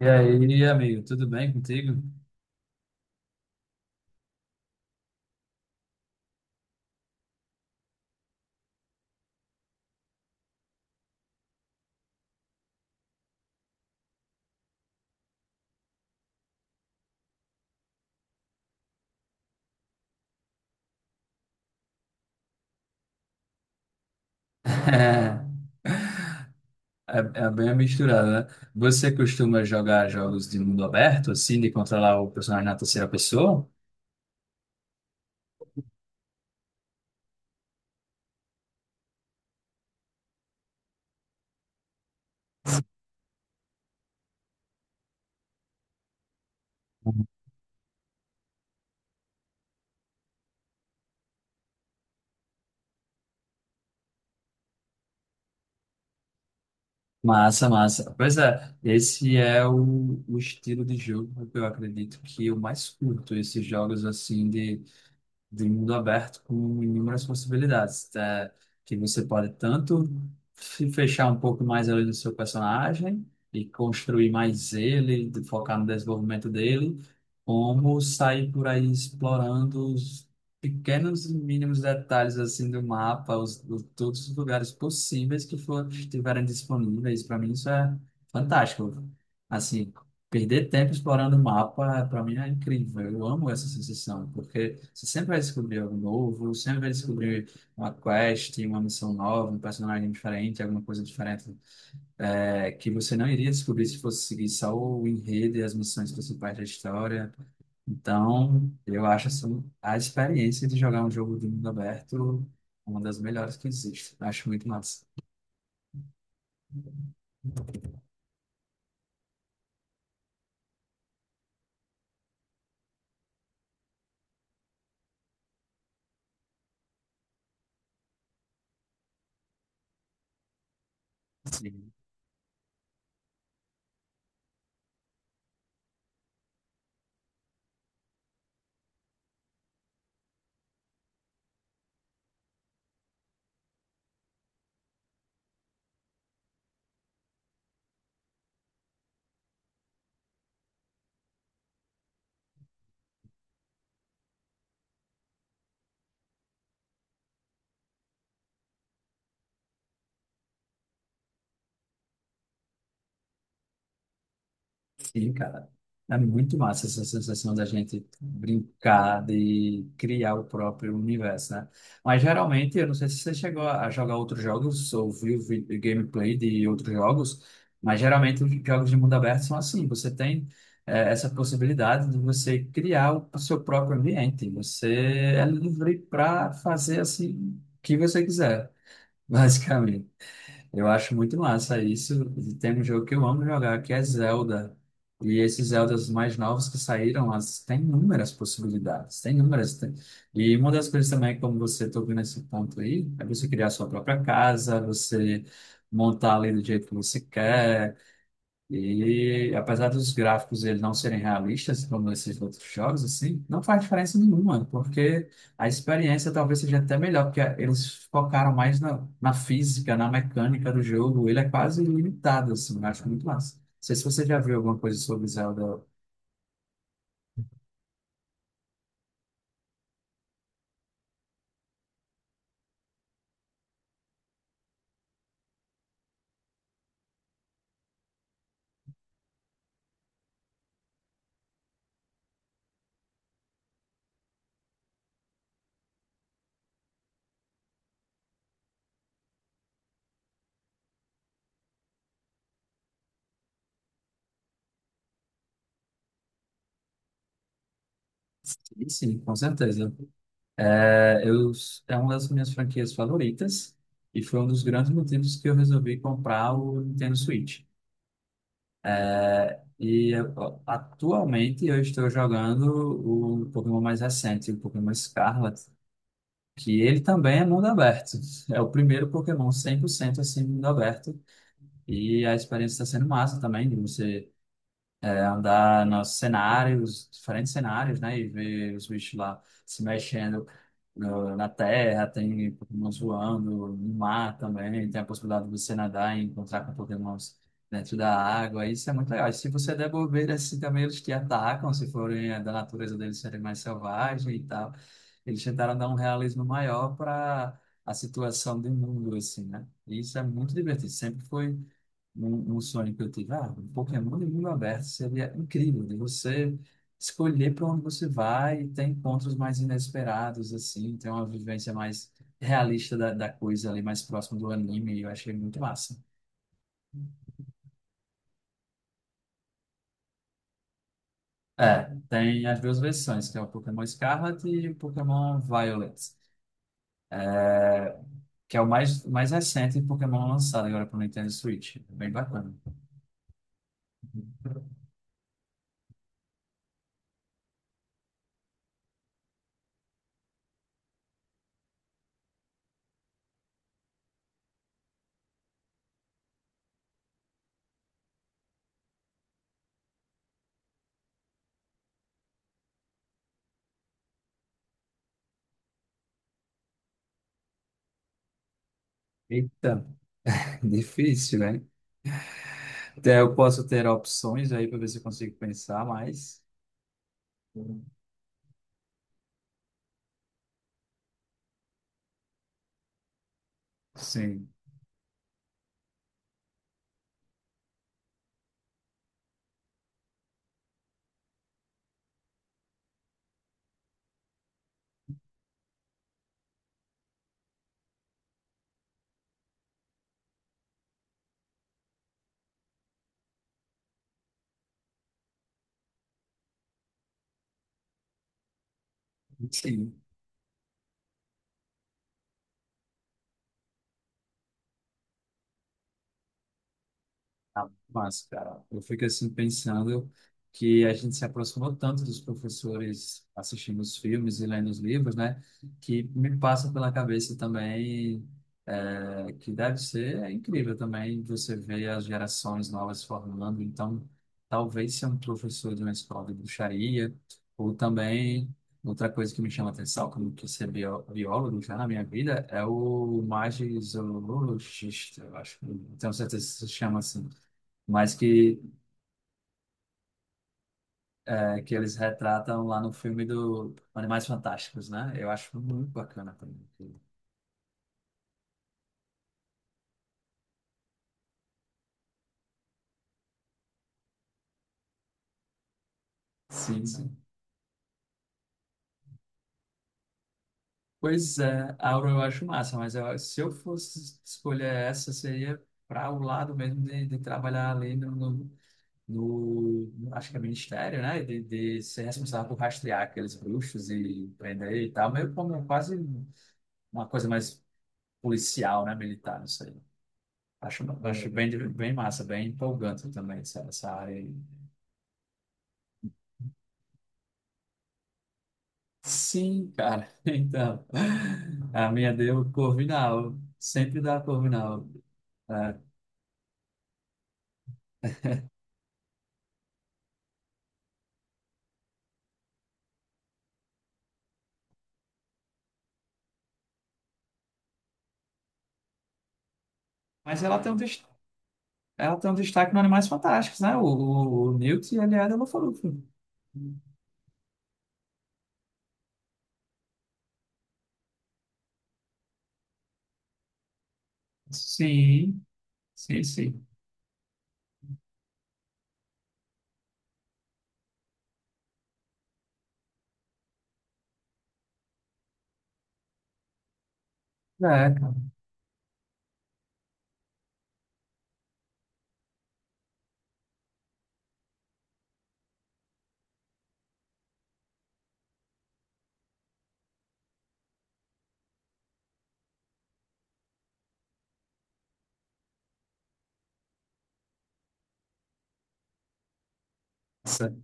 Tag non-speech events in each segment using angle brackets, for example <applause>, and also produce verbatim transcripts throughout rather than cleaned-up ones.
E aí, amigo, tudo bem contigo? <laughs> É, é bem misturado, né? Você costuma jogar jogos de mundo aberto, assim, de controlar o personagem na terceira pessoa? Massa, massa. Pois é, esse é o, o estilo de jogo que eu acredito que eu mais curto, esses jogos assim de de mundo aberto com inúmeras possibilidades, tá? Que você pode tanto se fechar um pouco mais ali no seu personagem e construir mais ele, de focar no desenvolvimento dele, como sair por aí explorando os pequenos e mínimos detalhes assim do mapa, os, os- todos os lugares possíveis que for, estiverem disponíveis. Para mim isso é fantástico. Assim, perder tempo explorando o mapa, para mim, é incrível. Eu amo essa sensação, porque você sempre vai descobrir algo novo, sempre vai descobrir uma quest, uma missão nova, um personagem diferente, alguma coisa diferente, é, que você não iria descobrir se fosse seguir só o enredo e as missões principais da história. Então, eu acho assim, a experiência de jogar um jogo de mundo aberto uma das melhores que existe. Acho muito massa. Sim. Sim, cara. É muito massa essa sensação da gente brincar de criar o próprio universo, né? Mas geralmente, eu não sei se você chegou a jogar outros jogos ou viu vi- gameplay de outros jogos, mas geralmente os jogos de mundo aberto são assim. Você tem eh, essa possibilidade de você criar o seu próprio ambiente. Você é livre para fazer assim o que você quiser, <laughs> basicamente. Eu acho muito massa isso. E tem um jogo que eu amo jogar, que é Zelda. E esses Zeldas mais novos que saíram, as, tem inúmeras possibilidades, tem inúmeras. tem- E uma das coisas também, como você tocou nesse ponto aí, é você criar sua própria casa, você montar ali do jeito que você quer, e apesar dos gráficos eles não serem realistas, como esses outros jogos, assim, não faz diferença nenhuma, porque a experiência talvez seja até melhor, porque eles focaram mais na, na, física, na mecânica do jogo, ele é quase ilimitado, assim, eu acho muito massa. Não sei se você já viu alguma coisa sobre Zelda. Sim, sim, com certeza. É, eu, é uma das minhas franquias favoritas, e foi um dos grandes motivos que eu resolvi comprar o Nintendo Switch. E ó, atualmente eu estou jogando o Pokémon mais recente, o Pokémon Scarlet, que ele também é mundo aberto. É o primeiro Pokémon cem por cento assim, mundo aberto. E a experiência está sendo massa também, de você andar nos cenários, diferentes cenários, né? E ver os bichos lá se mexendo no- na terra, tem Pokémon voando no mar também, tem a possibilidade de você nadar e encontrar com Pokémons dentro da água, isso é muito legal. E se você der bobeira, assim, também eles te atacam, se forem eh, da natureza deles serem mais selvagem e tal. Eles tentaram dar um realismo maior para a situação do mundo, assim, né? E isso é muito divertido, sempre foi um, um, sonho que eu tive, ah, um Pokémon de mundo aberto seria incrível, de você escolher para onde você vai e ter encontros mais inesperados, assim, ter uma vivência mais realista da, da, coisa ali, mais próximo do anime, e eu achei muito massa. É, tem as duas versões, que é o Pokémon Scarlet e o Pokémon Violet, é, que é o mais, mais recente Pokémon lançado agora para o Nintendo Switch. Bem bacana. Eita, <laughs> difícil, né? Até eu posso ter opções aí para ver se eu consigo pensar, mas sim, sim. Ah, mas, cara, eu fico assim pensando que a gente se aproximou tanto dos professores assistindo os filmes e lendo os livros, né? Que me passa pela cabeça também é, que deve ser incrível também você ver as gerações novas se formando. Então, talvez ser um professor de uma escola de bruxaria ou também outra coisa que me chama atenção, como que ser bio, biólogo já na minha vida, é o magizoologista, eu acho. Que- não tenho certeza se chama assim, mas que, é, que eles retratam lá no filme do Animais Fantásticos, né? Eu acho muito bacana também. Sim, sim. Pois é, Aura eu acho massa, mas eu- se eu fosse escolher essa, seria para o lado mesmo de, de, trabalhar ali no, no, no- acho que é ministério, né? De, de ser responsável por rastrear aqueles bruxos e prender e tal, meio como quase uma coisa mais policial, né? Militar, não sei. Acho, acho bem, bem massa, bem empolgante também essa, essa área aí. Sim, cara. <laughs> Então, a minha deu Corvinal. Sempre dá Corvinal. É. Mas ela tem um, dest- ela tem um destaque nos Animais Fantásticos, né? O, o, o Newt, ele é da Lufa-Lufa. Sim, sim, sim. É, cara. Isso é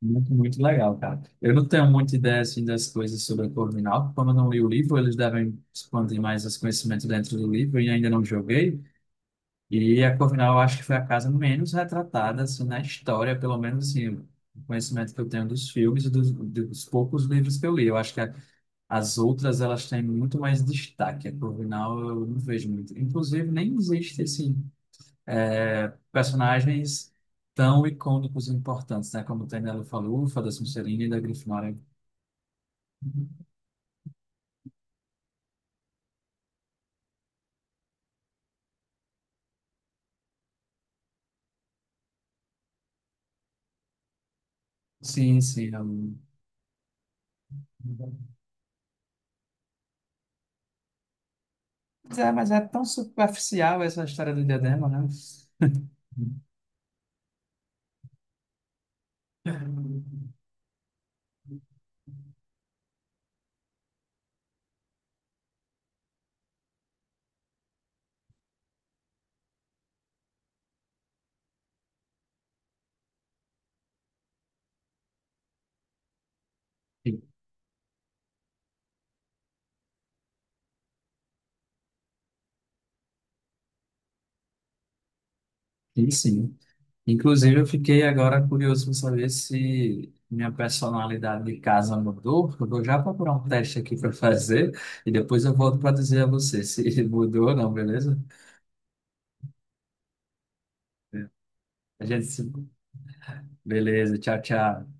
muito, muito legal, cara. Eu não tenho muita ideia, assim, das coisas sobre a Corvinal. Como eu não li o livro, eles devem expandir mais os conhecimentos dentro do livro e ainda não joguei. E a Corvinal, eu acho que foi a casa menos retratada assim, na história, pelo menos assim, o conhecimento que eu tenho dos filmes e dos, dos poucos livros que eu li. Eu acho que a- as outras elas têm muito mais destaque. A Corvinal eu não vejo muito. Inclusive, nem existe assim, é, personagens tão icônicos e importantes, né? Como tem da Lufa-Lufa, da Sonserina e da Grifinória. Sim, sim. eu- Mas é, mas é tão superficial essa história do diadema, né? <laughs> Sim, sim. Inclusive, eu fiquei agora curioso para saber se minha personalidade de casa mudou. Eu vou já procurar um teste aqui para fazer e depois eu volto para dizer a você se <laughs> mudou ou não, beleza? A gente se... Beleza, tchau, tchau.